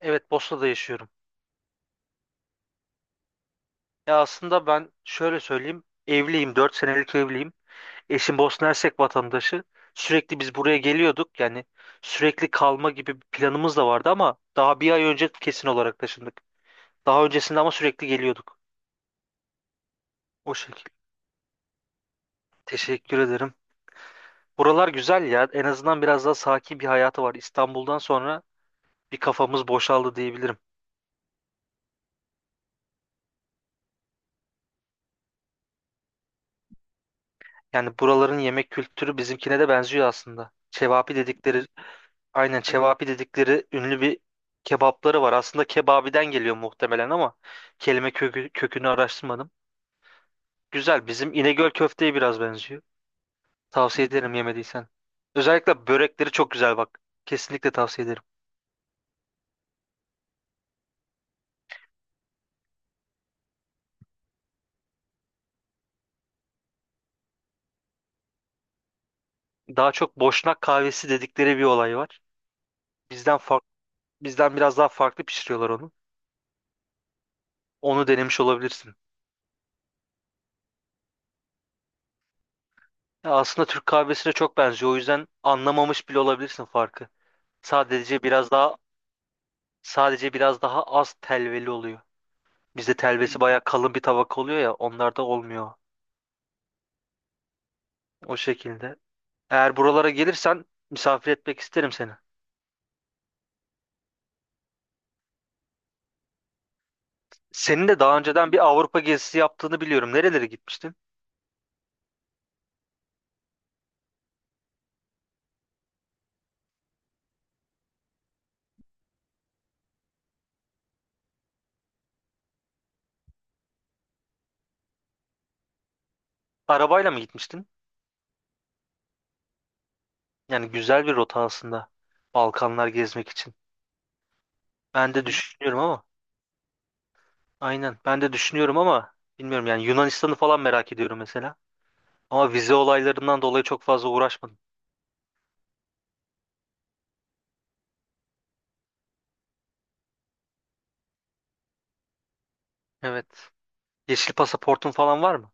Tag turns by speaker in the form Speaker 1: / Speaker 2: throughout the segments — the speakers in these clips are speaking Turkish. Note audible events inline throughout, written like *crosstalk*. Speaker 1: Evet, Bosna'da yaşıyorum. Ya aslında ben şöyle söyleyeyim. Evliyim, 4 senelik evliyim. Eşim Bosna Hersek vatandaşı. Sürekli biz buraya geliyorduk. Yani sürekli kalma gibi bir planımız da vardı ama daha bir ay önce kesin olarak taşındık. Daha öncesinde ama sürekli geliyorduk. O şekilde. Teşekkür ederim. Buralar güzel ya. En azından biraz daha sakin bir hayatı var. İstanbul'dan sonra bir kafamız boşaldı diyebilirim. Yani buraların yemek kültürü bizimkine de benziyor aslında. Cevapi dedikleri aynen çevapi dedikleri ünlü bir kebapları var. Aslında kebabiden geliyor muhtemelen ama kelime kökü, kökünü araştırmadım. Güzel. Bizim İnegöl köfteye biraz benziyor. Tavsiye ederim yemediysen. Özellikle börekleri çok güzel bak. Kesinlikle tavsiye ederim. Daha çok Boşnak kahvesi dedikleri bir olay var. Bizden farklı, bizden biraz daha farklı pişiriyorlar onu. Onu denemiş olabilirsin. Ya aslında Türk kahvesine çok benziyor. O yüzden anlamamış bile olabilirsin farkı. Sadece biraz daha sadece biraz daha az telveli oluyor. Bizde telvesi bayağı kalın bir tabaka oluyor ya, onlarda olmuyor o şekilde. Eğer buralara gelirsen misafir etmek isterim seni. Senin de daha önceden bir Avrupa gezisi yaptığını biliyorum. Nerelere gitmiştin? Arabayla mı gitmiştin? Yani güzel bir rota aslında Balkanlar gezmek için. Ben de düşünüyorum ama aynen ben de düşünüyorum ama bilmiyorum yani Yunanistan'ı falan merak ediyorum mesela. Ama vize olaylarından dolayı çok fazla uğraşmadım. Evet. Yeşil pasaportun falan var mı?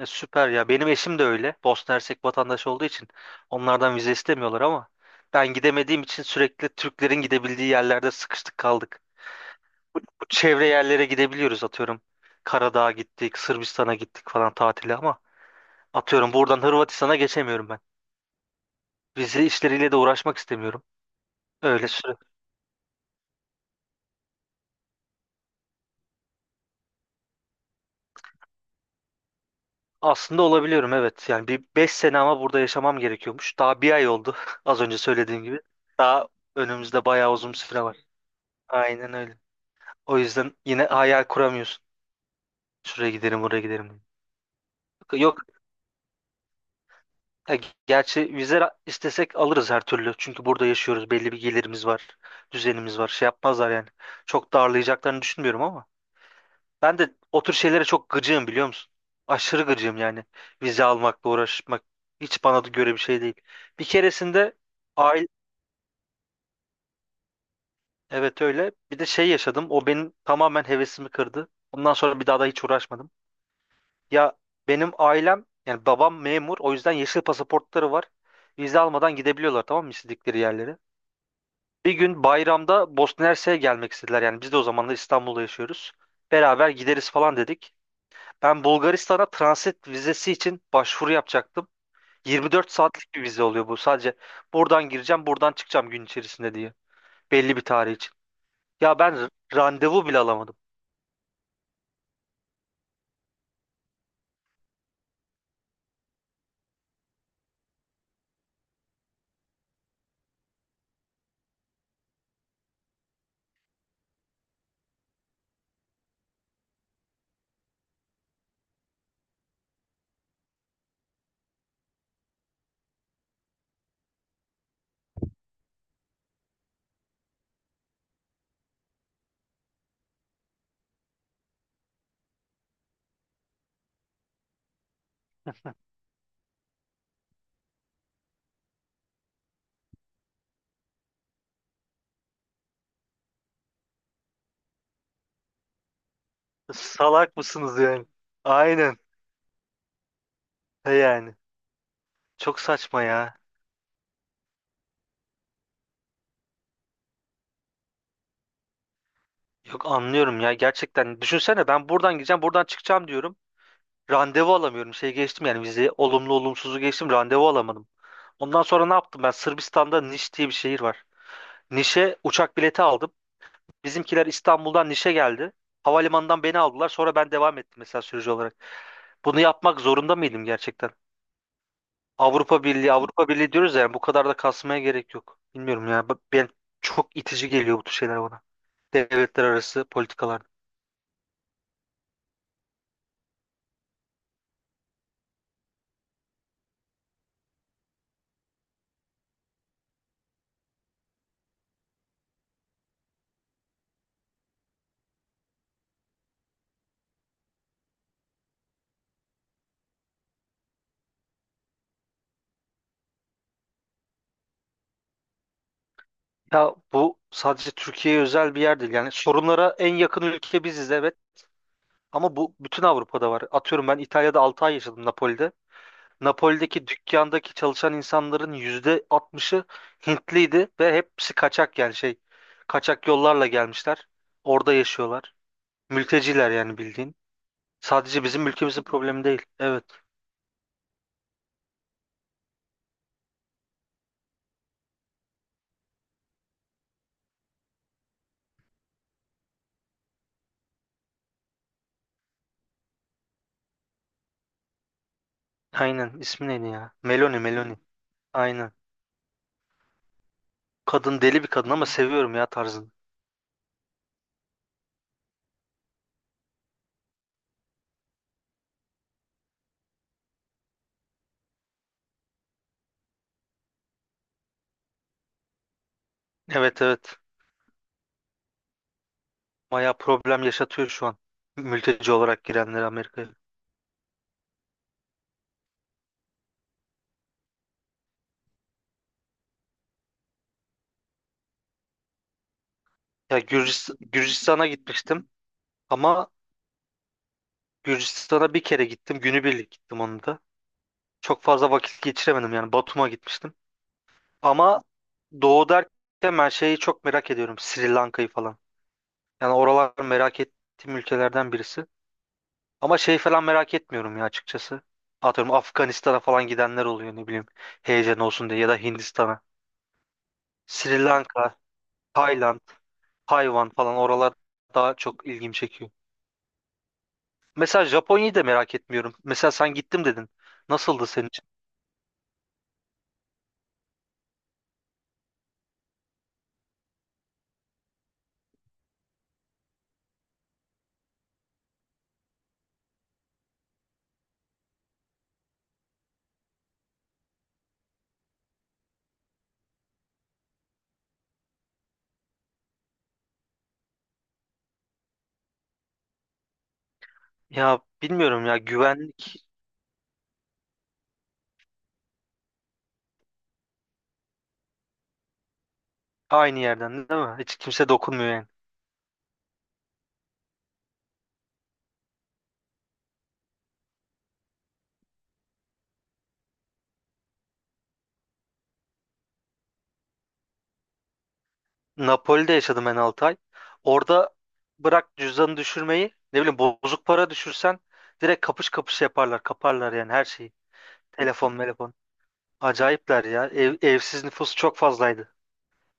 Speaker 1: E, süper ya. Benim eşim de öyle. Bosna Hersek vatandaşı olduğu için onlardan vize istemiyorlar ama ben gidemediğim için sürekli Türklerin gidebildiği yerlerde sıkıştık kaldık. Bu çevre yerlere gidebiliyoruz atıyorum. Karadağ'a gittik, Sırbistan'a gittik falan tatile ama atıyorum buradan Hırvatistan'a geçemiyorum ben. Vize işleriyle de uğraşmak istemiyorum. Öyle sürekli. Aslında olabiliyorum evet. Yani bir 5 sene ama burada yaşamam gerekiyormuş. Daha bir ay oldu *laughs* az önce söylediğim gibi. Daha önümüzde bayağı uzun bir süre var. Aynen öyle. O yüzden yine hayal kuramıyorsun. Şuraya giderim, buraya giderim diye. Yok, yok. Ya gerçi istesek alırız her türlü. Çünkü burada yaşıyoruz. Belli bir gelirimiz var. Düzenimiz var. Şey yapmazlar yani. Çok darlayacaklarını düşünmüyorum ama. Ben de o tür şeylere çok gıcığım biliyor musun? Aşırı gıcığım yani. Vize almakla uğraşmak hiç bana da göre bir şey değil. Bir keresinde aile... Evet öyle. Bir de şey yaşadım. O benim tamamen hevesimi kırdı. Ondan sonra bir daha da hiç uğraşmadım. Ya benim ailem yani babam memur o yüzden yeşil pasaportları var. Vize almadan gidebiliyorlar tamam mı istedikleri yerlere. Bir gün bayramda Bosna Hersek'e gelmek istediler. Yani biz de o zamanlar İstanbul'da yaşıyoruz. Beraber gideriz falan dedik. Ben Bulgaristan'a transit vizesi için başvuru yapacaktım. 24 saatlik bir vize oluyor bu. Sadece buradan gireceğim, buradan çıkacağım gün içerisinde diye. Belli bir tarih için. Ya ben randevu bile alamadım. Salak mısınız yani? Aynen. He yani. Çok saçma ya. Yok anlıyorum ya gerçekten. Düşünsene ben buradan gideceğim, buradan çıkacağım diyorum. Randevu alamıyorum. Şey geçtim yani vize olumlu olumsuzu geçtim. Randevu alamadım. Ondan sonra ne yaptım? Ben Sırbistan'da Niş diye bir şehir var. Niş'e uçak bileti aldım. Bizimkiler İstanbul'dan Niş'e geldi. Havalimanından beni aldılar. Sonra ben devam ettim mesela sürücü olarak. Bunu yapmak zorunda mıydım gerçekten? Avrupa Birliği, Avrupa Birliği diyoruz ya yani bu kadar da kasmaya gerek yok. Bilmiyorum ya. Ben çok itici geliyor bu tür şeyler bana. Devletler arası politikalar. Ya bu sadece Türkiye'ye özel bir yer değil. Yani sorunlara en yakın ülke biziz evet. Ama bu bütün Avrupa'da var. Atıyorum ben İtalya'da 6 ay yaşadım Napoli'de. Napoli'deki dükkandaki çalışan insanların %60'ı Hintliydi ve hepsi kaçak yani şey kaçak yollarla gelmişler. Orada yaşıyorlar. Mülteciler yani bildiğin. Sadece bizim ülkemizin problemi değil. Evet. Aynen. İsmi neydi ya? Meloni, Meloni. Aynen. Kadın deli bir kadın ama seviyorum ya tarzını. Evet, evet. Bayağı problem yaşatıyor şu an. Mülteci olarak girenler Amerika'ya. Gürcistan'a gitmiştim ama Gürcistan'a bir kere gittim. Günübirlik gittim onu da. Çok fazla vakit geçiremedim yani Batum'a gitmiştim. Ama doğu derken ben şeyi çok merak ediyorum. Sri Lanka'yı falan. Yani oralar merak ettiğim ülkelerden birisi. Ama şey falan merak etmiyorum ya açıkçası. Atıyorum Afganistan'a falan gidenler oluyor ne bileyim. Heyecan olsun diye ya da Hindistan'a. Sri Lanka, Tayland. Hayvan falan oralar daha çok ilgimi çekiyor. Mesela Japonya'yı da merak etmiyorum. Mesela sen gittim dedin. Nasıldı senin için? Ya bilmiyorum ya güvenlik aynı yerden değil mi? Hiç kimse dokunmuyor yani. Napoli'de yaşadım ben 6 ay. Orada bırak cüzdanı düşürmeyi ne bileyim bozuk para düşürsen direkt kapış kapış yaparlar kaparlar yani her şeyi. Telefon telefon. Acayipler ya. Evsiz nüfus çok fazlaydı.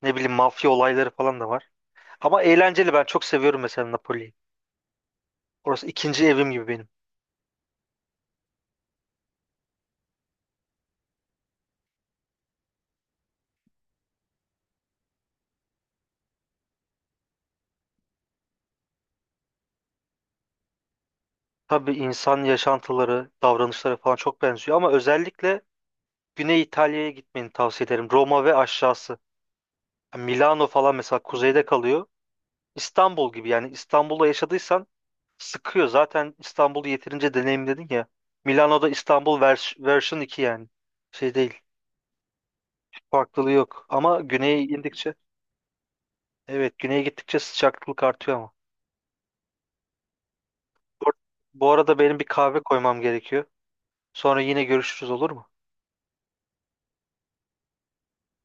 Speaker 1: Ne bileyim mafya olayları falan da var. Ama eğlenceli ben çok seviyorum mesela Napoli'yi. Orası ikinci evim gibi benim. Tabii insan yaşantıları, davranışları falan çok benziyor ama özellikle Güney İtalya'ya gitmeni tavsiye ederim. Roma ve aşağısı. Yani Milano falan mesela kuzeyde kalıyor. İstanbul gibi yani İstanbul'da yaşadıysan sıkıyor. Zaten İstanbul'u yeterince deneyimledin ya. Milano'da İstanbul version 2 yani. Şey değil. Farklılığı yok. Ama güneye indikçe evet güneye gittikçe sıcaklık artıyor ama. Bu bu arada benim bir kahve koymam gerekiyor. Sonra yine görüşürüz olur mu?